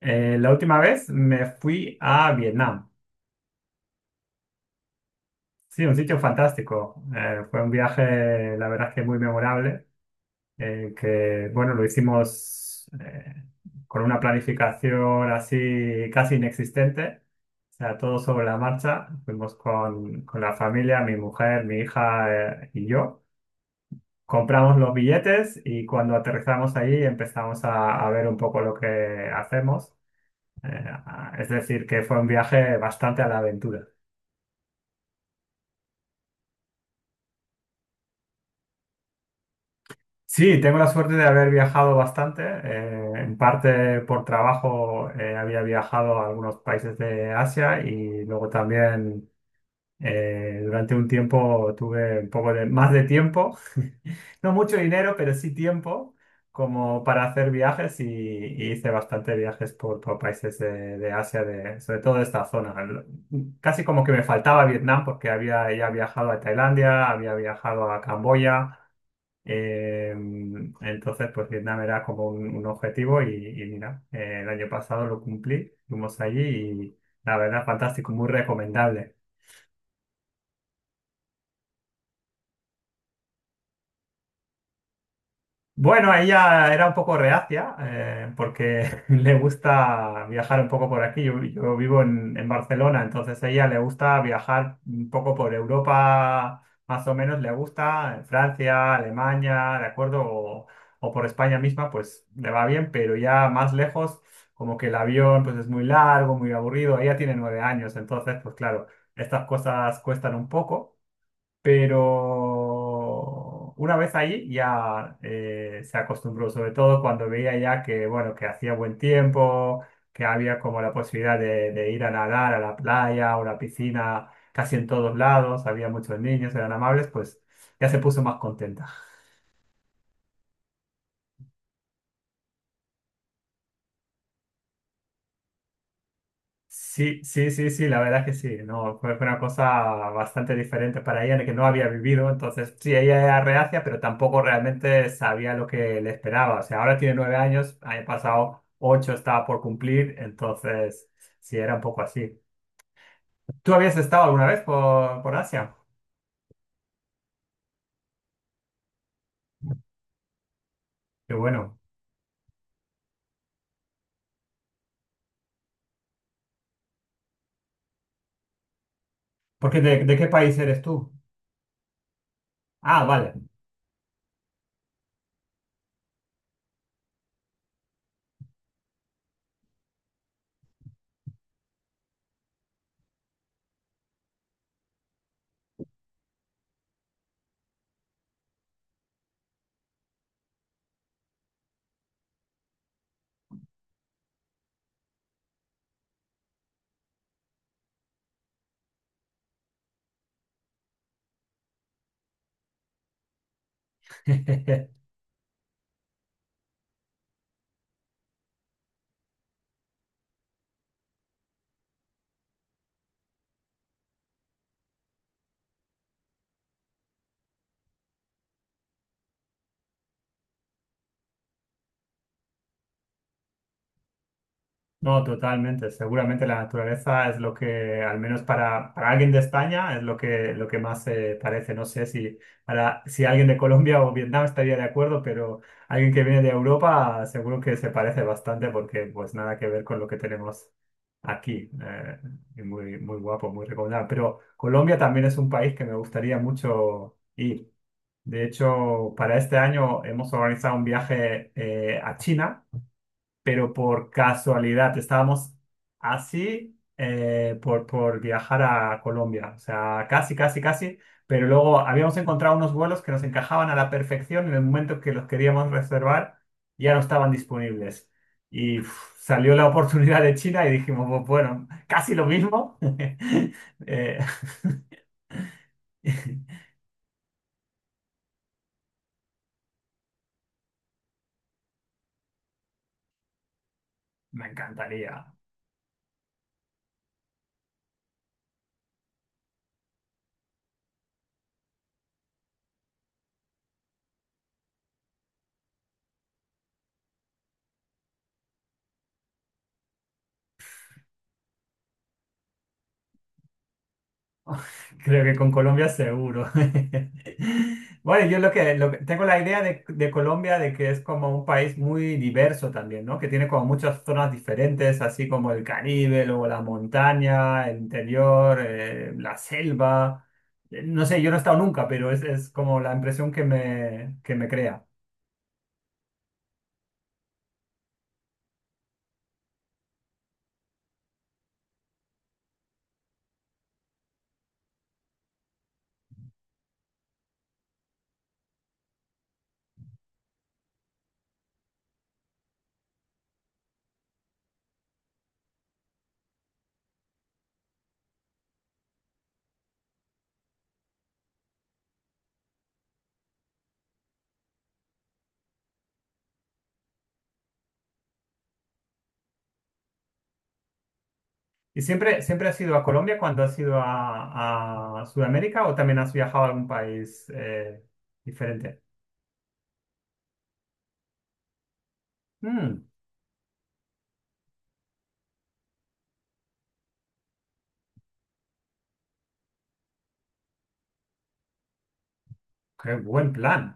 La última vez me fui a Vietnam. Sí, un sitio fantástico. Fue un viaje, la verdad es que muy memorable, que bueno, lo hicimos con una planificación así casi inexistente. O sea, todo sobre la marcha. Fuimos con la familia, mi mujer, mi hija y yo. Compramos los billetes y cuando aterrizamos ahí empezamos a ver un poco lo que hacemos. Es decir, que fue un viaje bastante a la aventura. Sí, tengo la suerte de haber viajado bastante. En parte por trabajo había viajado a algunos países de Asia y luego también durante un tiempo tuve un poco de más de tiempo, no mucho dinero, pero sí tiempo como para hacer viajes y hice bastante viajes por países de Asia, de, sobre todo de esta zona. Casi como que me faltaba Vietnam porque había ya viajado a Tailandia, había viajado a Camboya. Eh, entonces, pues Vietnam era como un objetivo y mira, el año pasado lo cumplí, fuimos allí y la verdad, fantástico, muy recomendable. Bueno, ella era un poco reacia porque le gusta viajar un poco por aquí. Yo vivo en Barcelona, entonces a ella le gusta viajar un poco por Europa, más o menos le gusta, en Francia, Alemania, ¿de acuerdo? O por España misma, pues le va bien, pero ya más lejos, como que el avión pues es muy largo, muy aburrido. Ella tiene 9 años, entonces pues claro, estas cosas cuestan un poco. Pero una vez allí ya se acostumbró, sobre todo cuando veía ya que, bueno, que hacía buen tiempo, que había como la posibilidad de ir a nadar a la playa, o la piscina, casi en todos lados, había muchos niños, eran amables, pues ya se puso más contenta. Sí, sí, sí, sí, la verdad que sí, no, fue, fue una cosa bastante diferente para ella, que no había vivido, entonces sí, ella era reacia, pero tampoco realmente sabía lo que le esperaba, o sea, ahora tiene 9 años, año pasado 8 estaba por cumplir, entonces sí, era un poco así. ¿Tú habías estado alguna vez por Asia? Qué bueno, porque ¿de qué país eres tú? Ah, vale. No, totalmente. Seguramente la naturaleza es lo que, al menos para alguien de España, es lo que más se parece. No sé si, para, si alguien de Colombia o Vietnam estaría de acuerdo, pero alguien que viene de Europa seguro que se parece bastante porque pues nada que ver con lo que tenemos aquí. Y muy, muy guapo, muy recomendable. Pero Colombia también es un país que me gustaría mucho ir. De hecho, para este año hemos organizado un viaje a China, pero por casualidad estábamos así por viajar a Colombia, o sea, casi, casi, casi, pero luego habíamos encontrado unos vuelos que nos encajaban a la perfección en el momento que los queríamos reservar, ya no estaban disponibles. Y uf, salió la oportunidad de China y dijimos, Bueno, casi lo mismo". Eh, Me encantaría. Creo que con Colombia seguro. Bueno, yo lo que, tengo la idea de Colombia de que es como un país muy diverso también, ¿no? Que tiene como muchas zonas diferentes, así como el Caribe, luego la montaña, el interior, la selva. No sé, yo no he estado nunca, pero es como la impresión que me crea. ¿Y siempre has ido a Colombia cuando has ido a Sudamérica o también has viajado a algún país diferente? Mm, qué buen plan.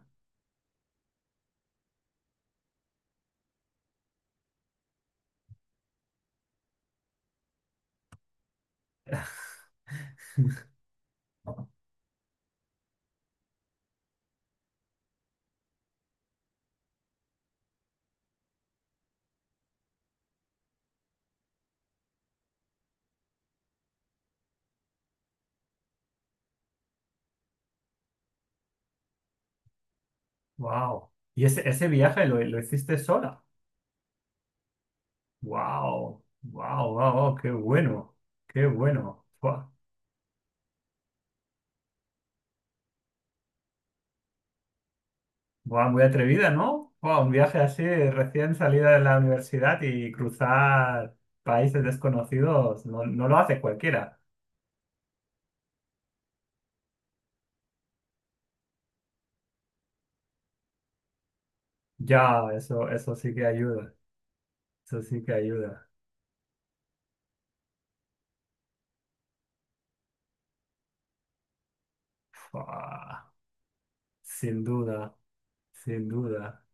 Wow. ¿Y ese viaje lo hiciste sola? Wow. Wow, wow, wow, qué bueno. Qué bueno. Buah, buah, muy atrevida, ¿no? Buah, un viaje así recién salida de la universidad y cruzar países desconocidos no, no lo hace cualquiera. Ya, eso sí que ayuda. Eso sí que ayuda. Buah, sin duda, sin duda.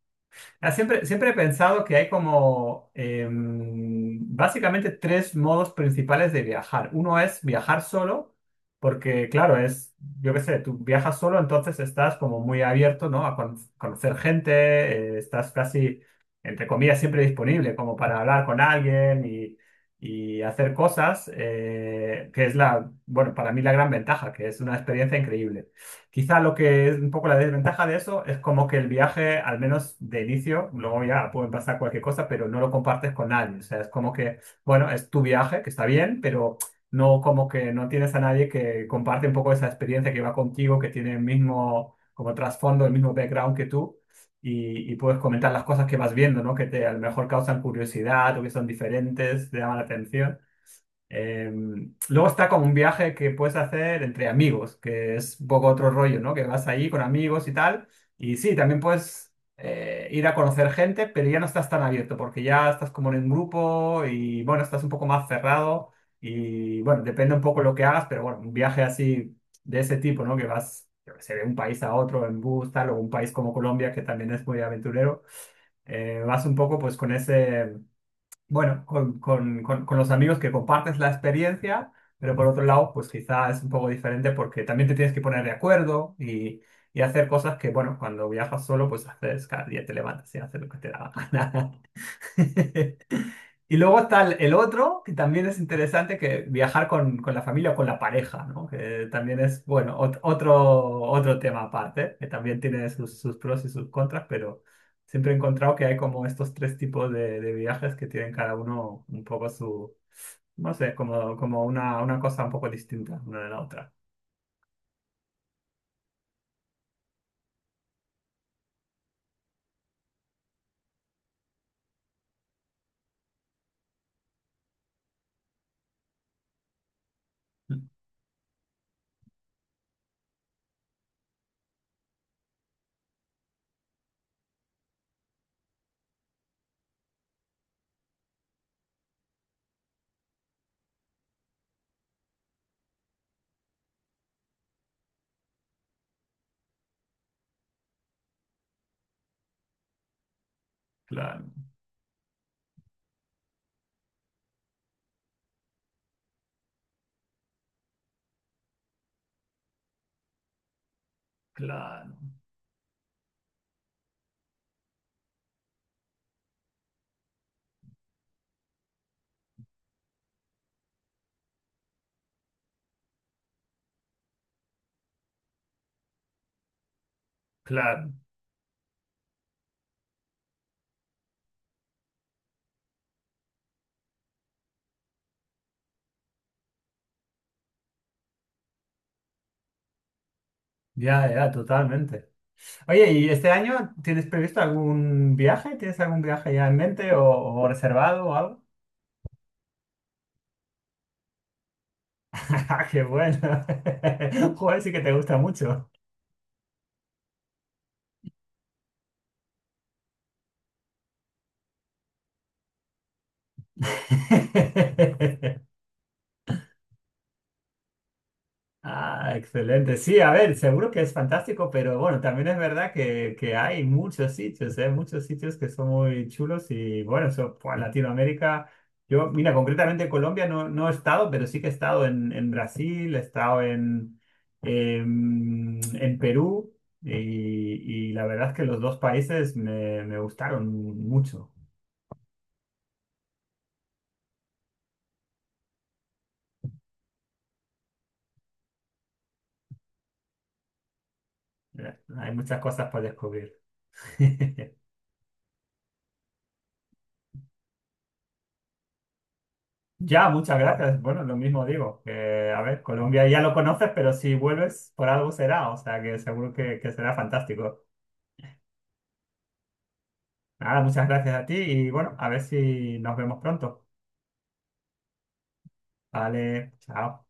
Ah, siempre he pensado que hay como básicamente tres modos principales de viajar. Uno es viajar solo, porque claro, es, yo qué sé, tú viajas solo, entonces estás como muy abierto, ¿no? A conocer gente, estás casi, entre comillas, siempre disponible como para hablar con alguien y hacer cosas, que es la, bueno, para mí la gran ventaja, que es una experiencia increíble. Quizá lo que es un poco la desventaja de eso es como que el viaje, al menos de inicio, luego ya puede pasar cualquier cosa, pero no lo compartes con nadie. O sea, es como que, bueno, es tu viaje, que está bien, pero no, como que no tienes a nadie que comparte un poco esa experiencia que va contigo, que tiene el mismo, como trasfondo, el mismo background que tú. Y puedes comentar las cosas que vas viendo, ¿no? Que te a lo mejor causan curiosidad o que son diferentes, te llaman la atención. Eh, Luego está como un viaje que puedes hacer entre amigos, que es un poco otro rollo, ¿no? Que vas ahí con amigos y tal. Y sí, también puedes ir a conocer gente, pero ya no estás tan abierto porque ya estás como en un grupo y bueno, estás un poco más cerrado y bueno, depende un poco lo que hagas, pero bueno, un viaje así de ese tipo, ¿no? Que vas, yo qué sé, de un país a otro en bus, tal, o un país como Colombia, que también es muy aventurero, vas un poco pues con ese bueno, con los amigos que compartes la experiencia, pero por otro lado, pues quizá es un poco diferente porque también te tienes que poner de acuerdo y hacer cosas que, bueno, cuando viajas solo, pues haces cada día te levantas y haces lo que te da la gana. Y luego está el otro, que también es interesante, que viajar con la familia o con la pareja, ¿no? Que también es, bueno, otro, otro tema aparte, que también tiene sus, sus pros y sus contras, pero siempre he encontrado que hay como estos tres tipos de viajes que tienen cada uno un poco su, no sé, como, como una cosa un poco distinta una de la otra. Claro, claro, claro. Ya, ya, totalmente. Oye, ¿y este año tienes previsto algún viaje? ¿Tienes algún viaje ya en mente o reservado o algo? ¡Ah, qué bueno! Joder, sí que te gusta mucho. Ah, excelente. Sí, a ver, seguro que es fantástico, pero bueno, también es verdad que hay muchos sitios, ¿eh? Muchos sitios que son muy chulos y bueno, eso, pues, Latinoamérica, yo, mira, concretamente Colombia no, no he estado, pero sí que he estado en Brasil, he estado en Perú y, y la verdad es que los dos países me, me gustaron mucho. Hay muchas cosas para descubrir. Ya, muchas gracias. Bueno, lo mismo digo, que a ver, Colombia ya lo conoces, pero si vuelves por algo será, o sea que seguro que será fantástico. Nada, muchas gracias a ti y bueno, a ver si nos vemos pronto. Vale, chao.